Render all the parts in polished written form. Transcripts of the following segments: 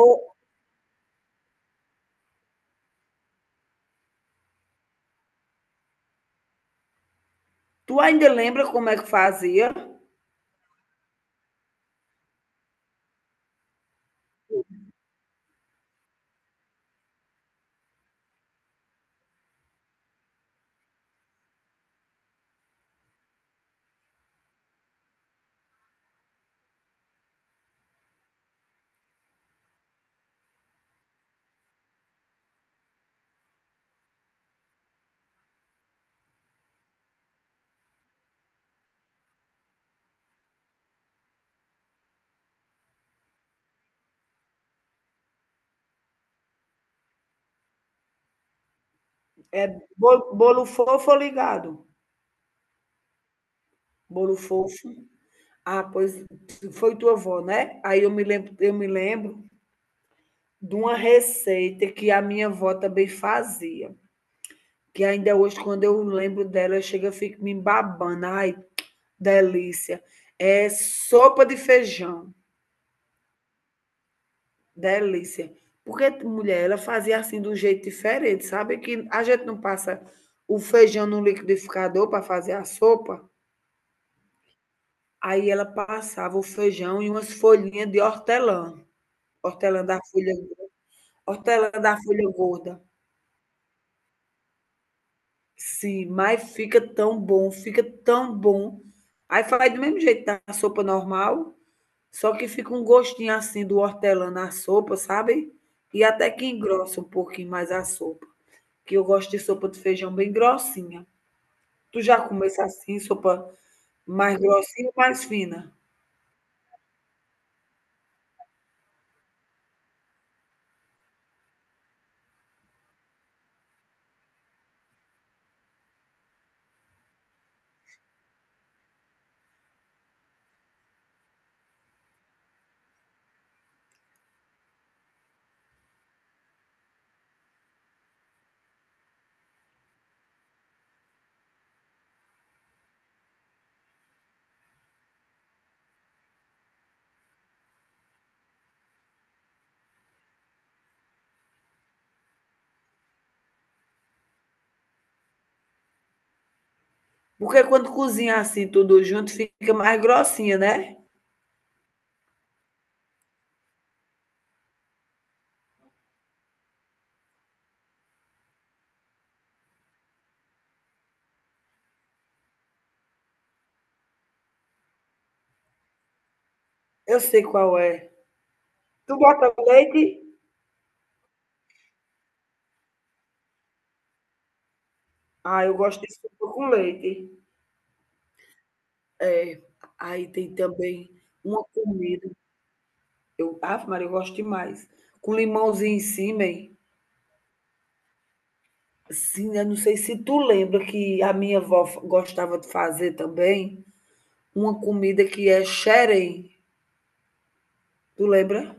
Ô, tu ainda lembra como é que fazia? É bolo, bolo fofo ou ligado? Bolo fofo. Ah, pois foi tua avó, né? Aí eu me lembro de uma receita que a minha avó também fazia, que ainda hoje quando eu lembro dela, eu chego e fico me babando, ai, delícia. É sopa de feijão. Delícia. Porque, mulher, ela fazia assim de um jeito diferente, sabe? Que a gente não passa o feijão no liquidificador para fazer a sopa. Aí ela passava o feijão e umas folhinhas de hortelã. Hortelã da folha, hortelã da folha gorda. Sim, mas fica tão bom. Aí faz do mesmo jeito da sopa normal, só que fica um gostinho assim do hortelã na sopa, sabe? E até que engrossa um pouquinho mais a sopa. Que eu gosto de sopa de feijão bem grossinha. Tu já comesse assim, sopa mais grossinha ou mais fina? Porque quando cozinha assim tudo junto, fica mais grossinha, né? Eu sei qual é. Tu bota leite? Ah, eu gosto de sopa com leite. É. Aí tem também uma comida. Eu, Ave Maria, eu gosto demais. Com limãozinho em cima, hein? Sim, eu não sei se tu lembra que a minha avó gostava de fazer também uma comida que é xerém. Tu lembra?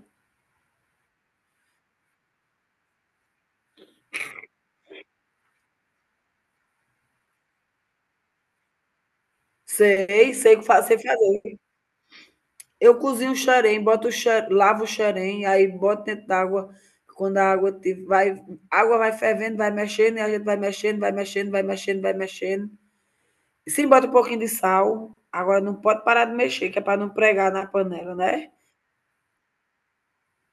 Sei, sei que fa sei fazer. Eu cozinho o xerém, boto o xe lavo o xerém, aí boto dentro d'água, quando a água ti vai água vai fervendo, vai mexendo, e a gente vai mexendo. Sim, bota um pouquinho de sal, agora não pode parar de mexer, que é pra não pregar na panela, né.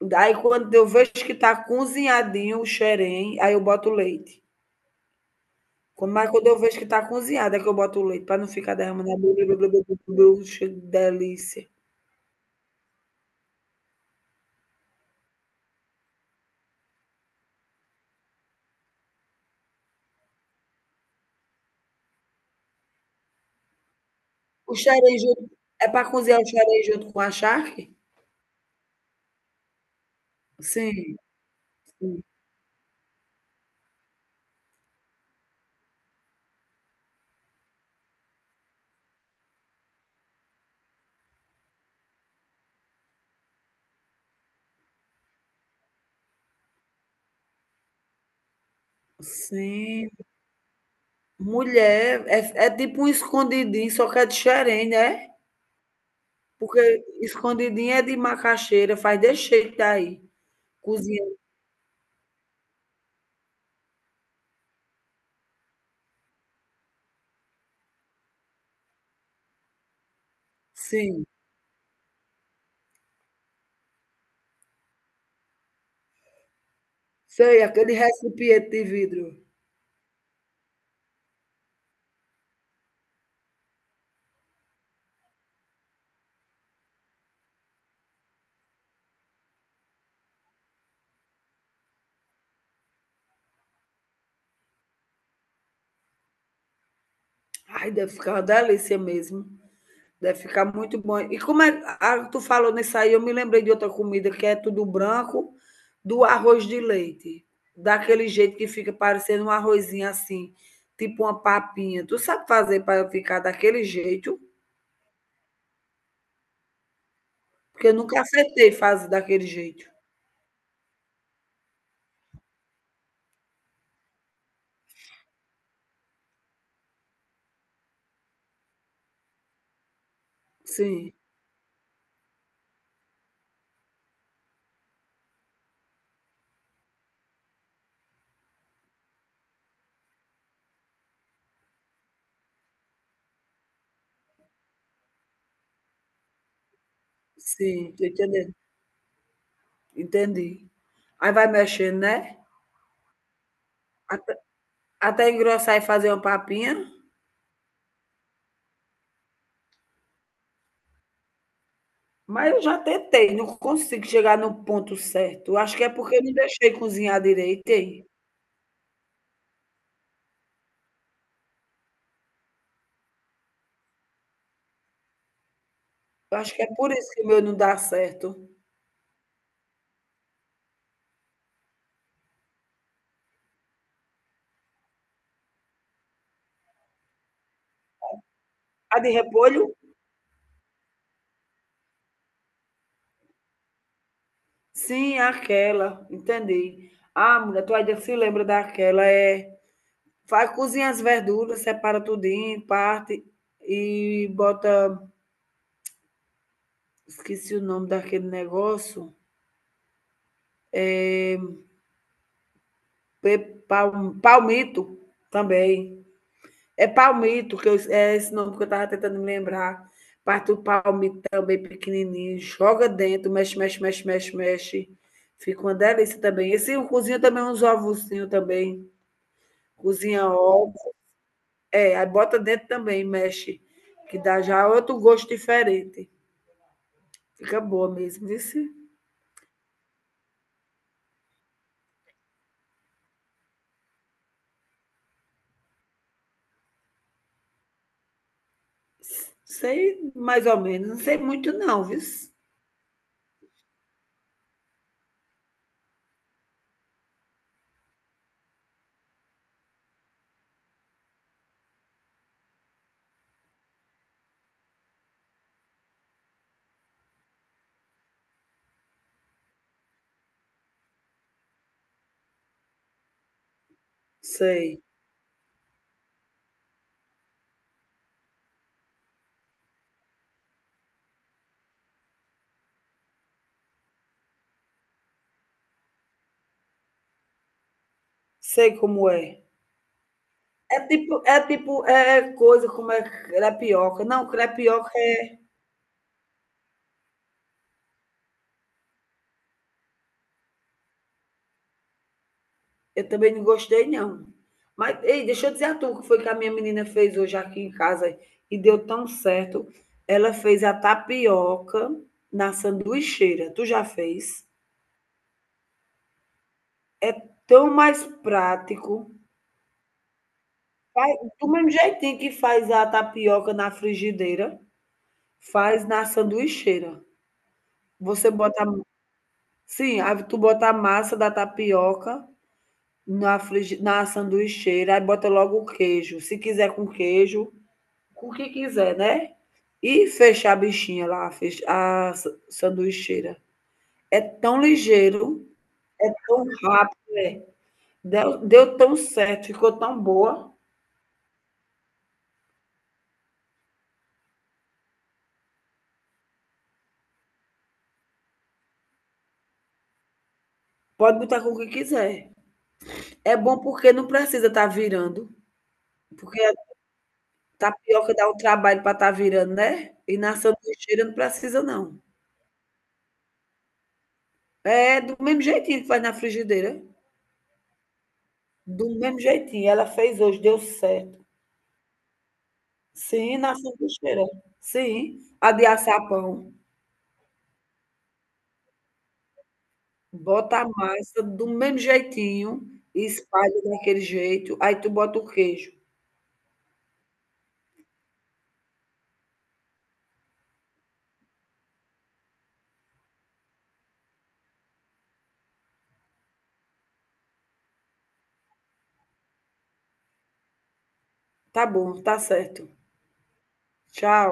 Daí quando eu vejo que tá cozinhadinho o xerém, aí eu boto o leite. Quando mas quando eu vejo que tá cozinhado, é que eu boto o leite, para não ficar derramando. A blu, blu, blu, blu, blu, blu, blu, delícia. O xerém junto é para cozinhar o xerém junto com a charque? Sim, sim, sim. Mulher, é tipo um escondidinho, só que é de xerém, né? Porque escondidinho é de macaxeira, faz desse jeito aí cozinha sim. Sei, aquele recipiente de vidro. Ai, deve ficar uma delícia mesmo. Deve ficar muito bom. E como é, ah, tu falou nisso aí, eu me lembrei de outra comida que é tudo branco, do arroz de leite. Daquele jeito que fica parecendo um arrozinho assim, tipo uma papinha. Tu sabe fazer para ficar daquele jeito? Porque eu nunca acertei fazer daquele jeito. Sim, sim, tô entendendo. Entendi. Aí vai mexendo, né? Até, até engrossar e fazer uma papinha. Mas eu já tentei, não consigo chegar no ponto certo. Eu acho que é porque eu não deixei cozinhar direito, hein? Eu acho que é por isso que o meu não dá certo. A de repolho? Sim, é aquela, entendi. Ah, mulher, tu ainda se lembra daquela, é, faz cozinha as verduras, separa tudinho, parte e bota, esqueci o nome daquele negócio, pe pal palmito também. É palmito, que eu, é esse nome que eu estava tentando me lembrar. Parte do palmito também pequenininho. Joga dentro, mexe. Fica uma delícia também. Esse eu cozinho também uns ovozinhos também. Cozinha ovo. É, aí bota dentro também, mexe. Que dá já outro gosto diferente. Fica boa mesmo, viu? Sei mais ou menos. Não sei muito não, viu? Sei. Sei como é. É tipo coisa como é crepioca. Não, crepioca. Eu também não gostei, não. Mas, ei, deixa eu dizer a tu o que foi que a minha menina fez hoje aqui em casa e deu tão certo. Ela fez a tapioca na sanduicheira. Tu já fez? Tão mais prático. Do mesmo jeitinho que faz a tapioca na frigideira, faz na sanduicheira. Você bota. Sim, aí tu bota a massa da tapioca na sanduicheira, aí bota logo o queijo. Se quiser com queijo, com o que quiser, né? E fechar a bichinha lá, a sanduicheira. É tão ligeiro, é tão rápido, é. Deu tão certo, ficou tão boa. Pode botar com o que quiser. É bom porque não precisa estar virando. Porque a tapioca dá o trabalho para estar virando, né? E na sanduicheira não precisa, não. É do mesmo jeitinho que faz na frigideira. Do mesmo jeitinho. Ela fez hoje, deu certo. Sim, na sanduicheira. Sim. A de assar pão. Bota a massa do mesmo jeitinho e espalha daquele jeito, aí tu bota o queijo. Tá bom, tá certo. Tchau.